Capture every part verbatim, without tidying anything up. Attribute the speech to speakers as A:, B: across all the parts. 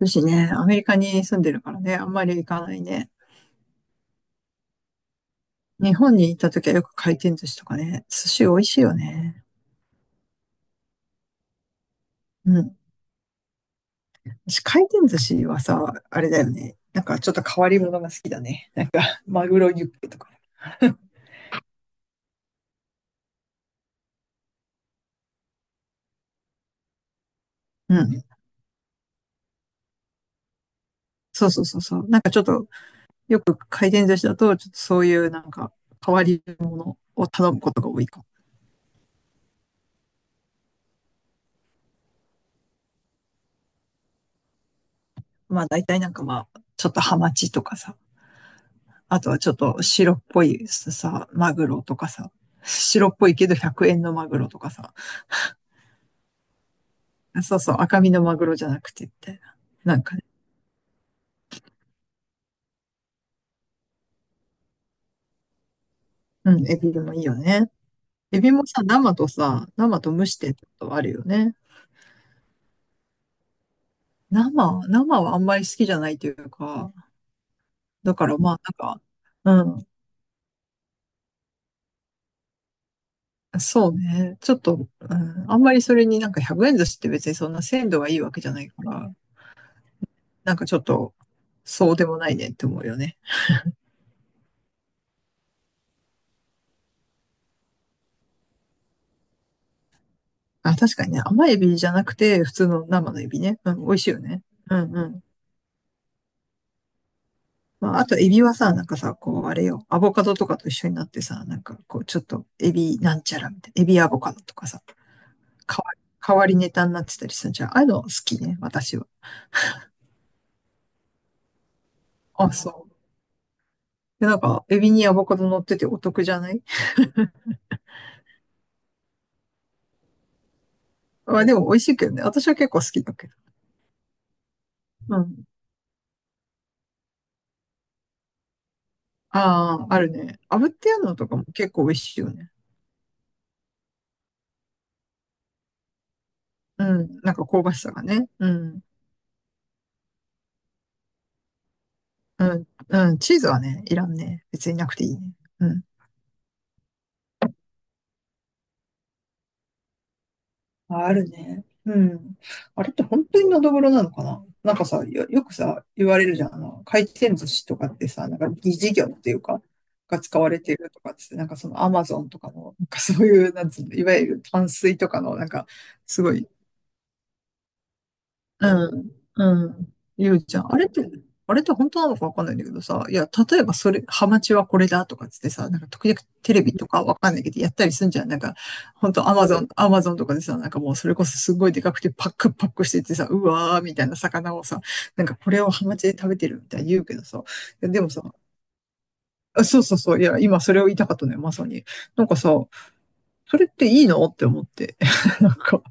A: 寿司ね、アメリカに住んでるからね、あんまり行かないね。日本に行った時はよく回転寿司とかね、寿司美味しいよね。うん。私回転寿司はさ、あれだよね。なんかちょっと変わり物が好きだね。なんか、マグロユッケとか。うん。そうそうそうそう。なんかちょっと、よく回転寿司だと、ちょっとそういうなんか、変わり物を頼むことが多いかも。まあ大体なんかまあ、ちょっとハマチとかさ、あとはちょっと白っぽいさ、マグロとかさ、白っぽいけどひゃくえんのマグロとかさ、あそうそう、赤身のマグロじゃなくてみたいな。なんかね。うん、エビもいいよね。エビもさ、生とさ、生と蒸してってことあるよね。生、生はあんまり好きじゃないというか、だからまあなんか、うん、そうね。ちょっと、うん、あんまりそれになんかひゃくえん寿司って別にそんな鮮度がいいわけじゃないから、なんかちょっと、そうでもないねって思うよね。あ、確かにね、甘エビじゃなくて、普通の生のエビね。うん、美味しいよね。うんうん。まあ、あと、エビはさ、なんかさ、こう、あれよ、アボカドとかと一緒になってさ、なんか、こう、ちょっと、エビなんちゃらみたいな、エビアボカドとかさ、変わり、変わりネタになってたりするじゃん。ああいうの好きね、私は。あ、そう。で、なんか、エビにアボカド乗っててお得じゃない？まあ、でも美味しいけどね。私は結構好きだけど。うん。ああ、あるね。炙ってやるのとかも結構美味しいよね。うん。なんか香ばしさがね。うん。うん。うん。チーズはね、いらんね。別になくていいね。うん。あ、あるね。うん。あれって本当にのどぐろなのかな？なんかさ、よ、よくさ、言われるじゃん。あの、回転寿司とかってさ、なんか疑似業っていうか、が使われてるとかっつって、なんかそのアマゾンとかの、なんかそういう、なんつうの、いわゆる淡水とかの、なんか、すごいうん、うん。言うじゃん。あれって、あれって本当なのかわかんないんだけどさ、いや、例えばそれ、ハマチはこれだとかっつってさ、なんか時々テレビとかわかんないけどやったりすんじゃん。なんか、本当アマゾン、アマゾンとかでさ、なんかもうそれこそすごいでかくてパックパックしててさ、うわーみたいな魚をさ、なんかこれをハマチで食べてるみたいに言うけどさ、いやでもさ、あそうそうそう、いや、今それを言いたかったのよ、まさに。なんかさ、それっていいの？って思って。なんか、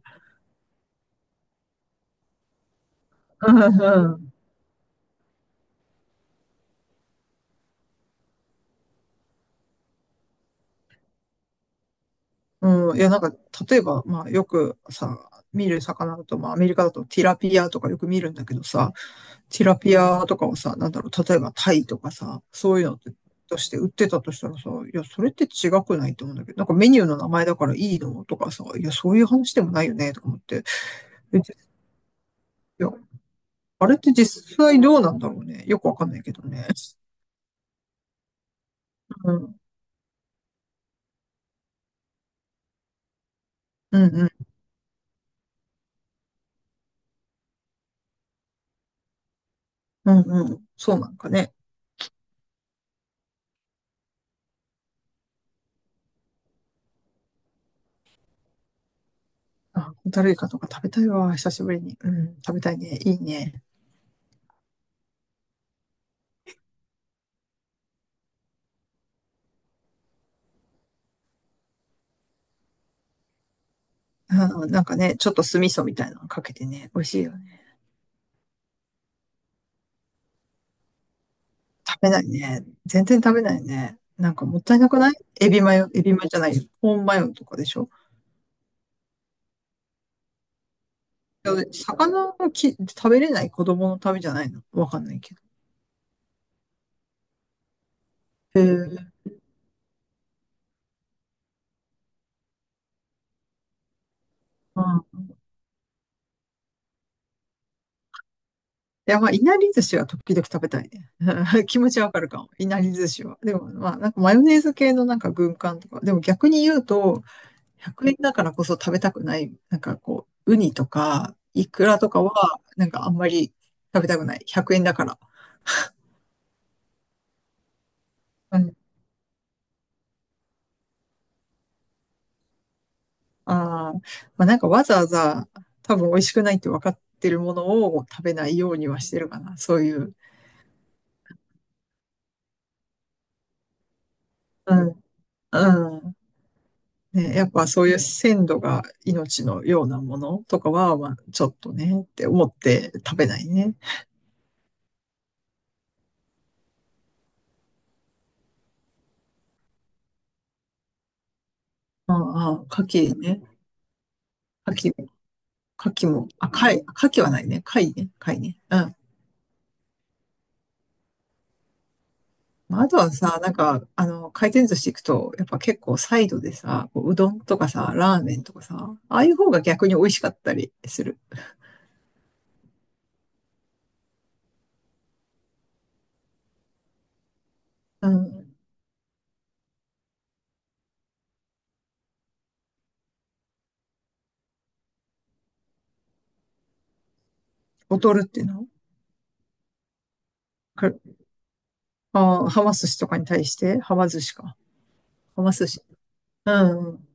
A: うんうんうん、いや、なんか、例えば、まあ、よくさ、見る魚だと、まあ、アメリカだとティラピアとかよく見るんだけどさ、ティラピアとかをさ、なんだろう、例えばタイとかさ、そういうのってとして売ってたとしたらさ、いや、それって違くない？と思うんだけど、なんかメニューの名前だからいいの？とかさ、いや、そういう話でもないよね、とか思って。えいや、あれって実際どうなんだろうね。よくわかんないけどね。うん、うん、うん、うん、うん。そうなんかね。あ、ホタルイカとか食べたいわ、久しぶりに。うん、食べたいね。いいね。うん、なんかね、ちょっと酢味噌みたいなのかけてね、美味しいよね。食べないね。全然食べないね。なんかもったいなくない？エビマヨ、エビマヨじゃないよ。コーンマヨとかでしょ？いや魚をき食べれない子供のためじゃないの？わかんないけど。へえ。うん。いや、まあ、いなり寿司は時々食べたいね。気持ちわかるかも。いなり寿司は。でも、まあ、なんかマヨネーズ系のなんか軍艦とか。でも逆に言うと、ひゃくえんだからこそ食べたくない、なんかこう、ウニとか、イクラとかは、なんかあんまり食べたくない。ひゃくえんだから。うん。ああ、まあなんかわざわざ多分美味しくないって分かってるものを食べないようにはしてるかな。そういう。うん。うん。ね、やっぱそういう鮮度が命のようなものとかは、まあちょっとねって思って食べないね。ああ、ああ牡蠣ね。牡蠣も、牡蠣も、あ、貝、牡蠣はないね。貝ね。貝ね。うん。まあ、あとはさ、なんか、あの、回転寿司行くと、やっぱ結構サイドでさ、こううどんとかさ、ラーメンとかさ、ああいう方が逆に美味しかったりする。うん。劣るっていうのか？あー、はま寿司とかに対して、はま寿司か。はま寿司。うん。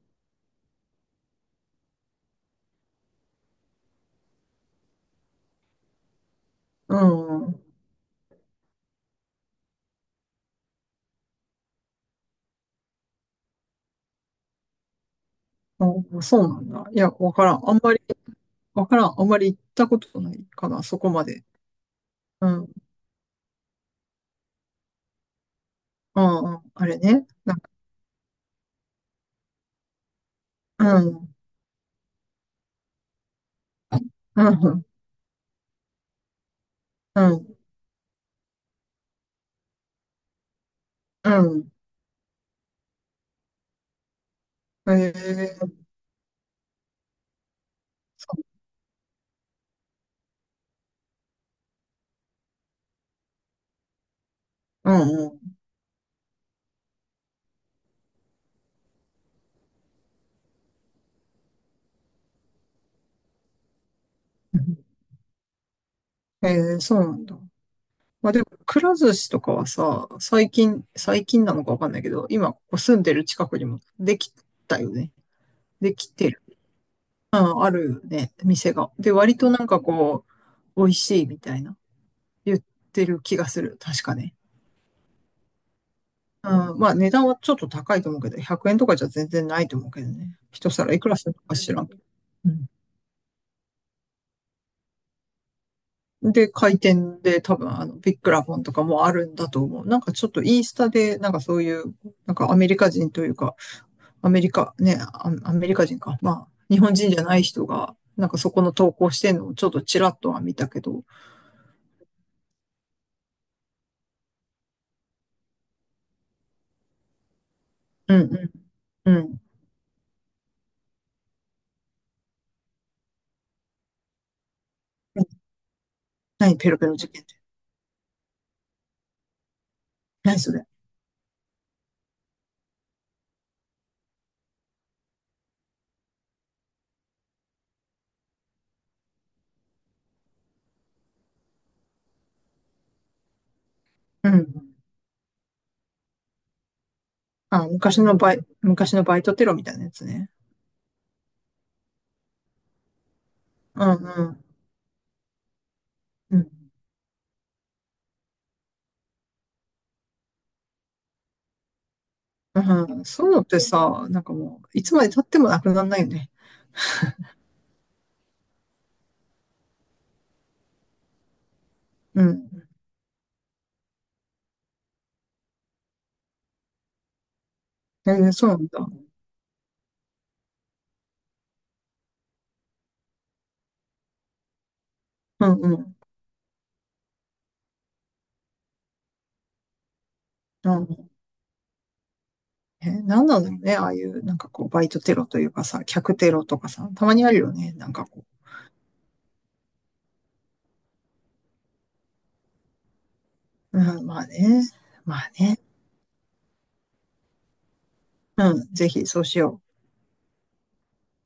A: うん。あ、そうなんだ。いや、わからん。あんまり、わからん。あんまり行ったことないかな、そこまで。うん。うん。うんあれね。なんか、うん。うん。うん。うん。ええそう。うん。うん。ええ、そうなんだ。まあでも、くら寿司とかはさ、最近、最近なのかわかんないけど、今、ここ住んでる近くにもできたよね。できてる。うん、あるね、店が。で、割となんかこう、美味しいみたいな、言ってる気がする。確かね。うん、まあ値段はちょっと高いと思うけど、ひゃくえんとかじゃ全然ないと思うけどね。一皿いくらするのか知らんけど。うんで、回転で多分、あの、ビッグラボンとかもあるんだと思う。なんかちょっとインスタで、なんかそういう、なんかアメリカ人というか、アメリカ、ね、アアメリカ人か。まあ、日本人じゃない人が、なんかそこの投稿してんのをちょっとちらっとは見たけど、うんうん、うん。何ペロペロ事件って。何それ。うん。あ、昔のバイ、昔のバイトテロみたいなやつね。うんうん。うん。うん、そういうのってさ、なんかもう、いつまで経ってもなくならないよね。うん。全然そうなんだ。うんうん。うん、え、なんなんだろうね。ああいう、なんかこう、バイトテロというかさ、客テロとかさ、たまにあるよね。なんかこう、うん、まあね。まあね。うん、ぜひそうしよう。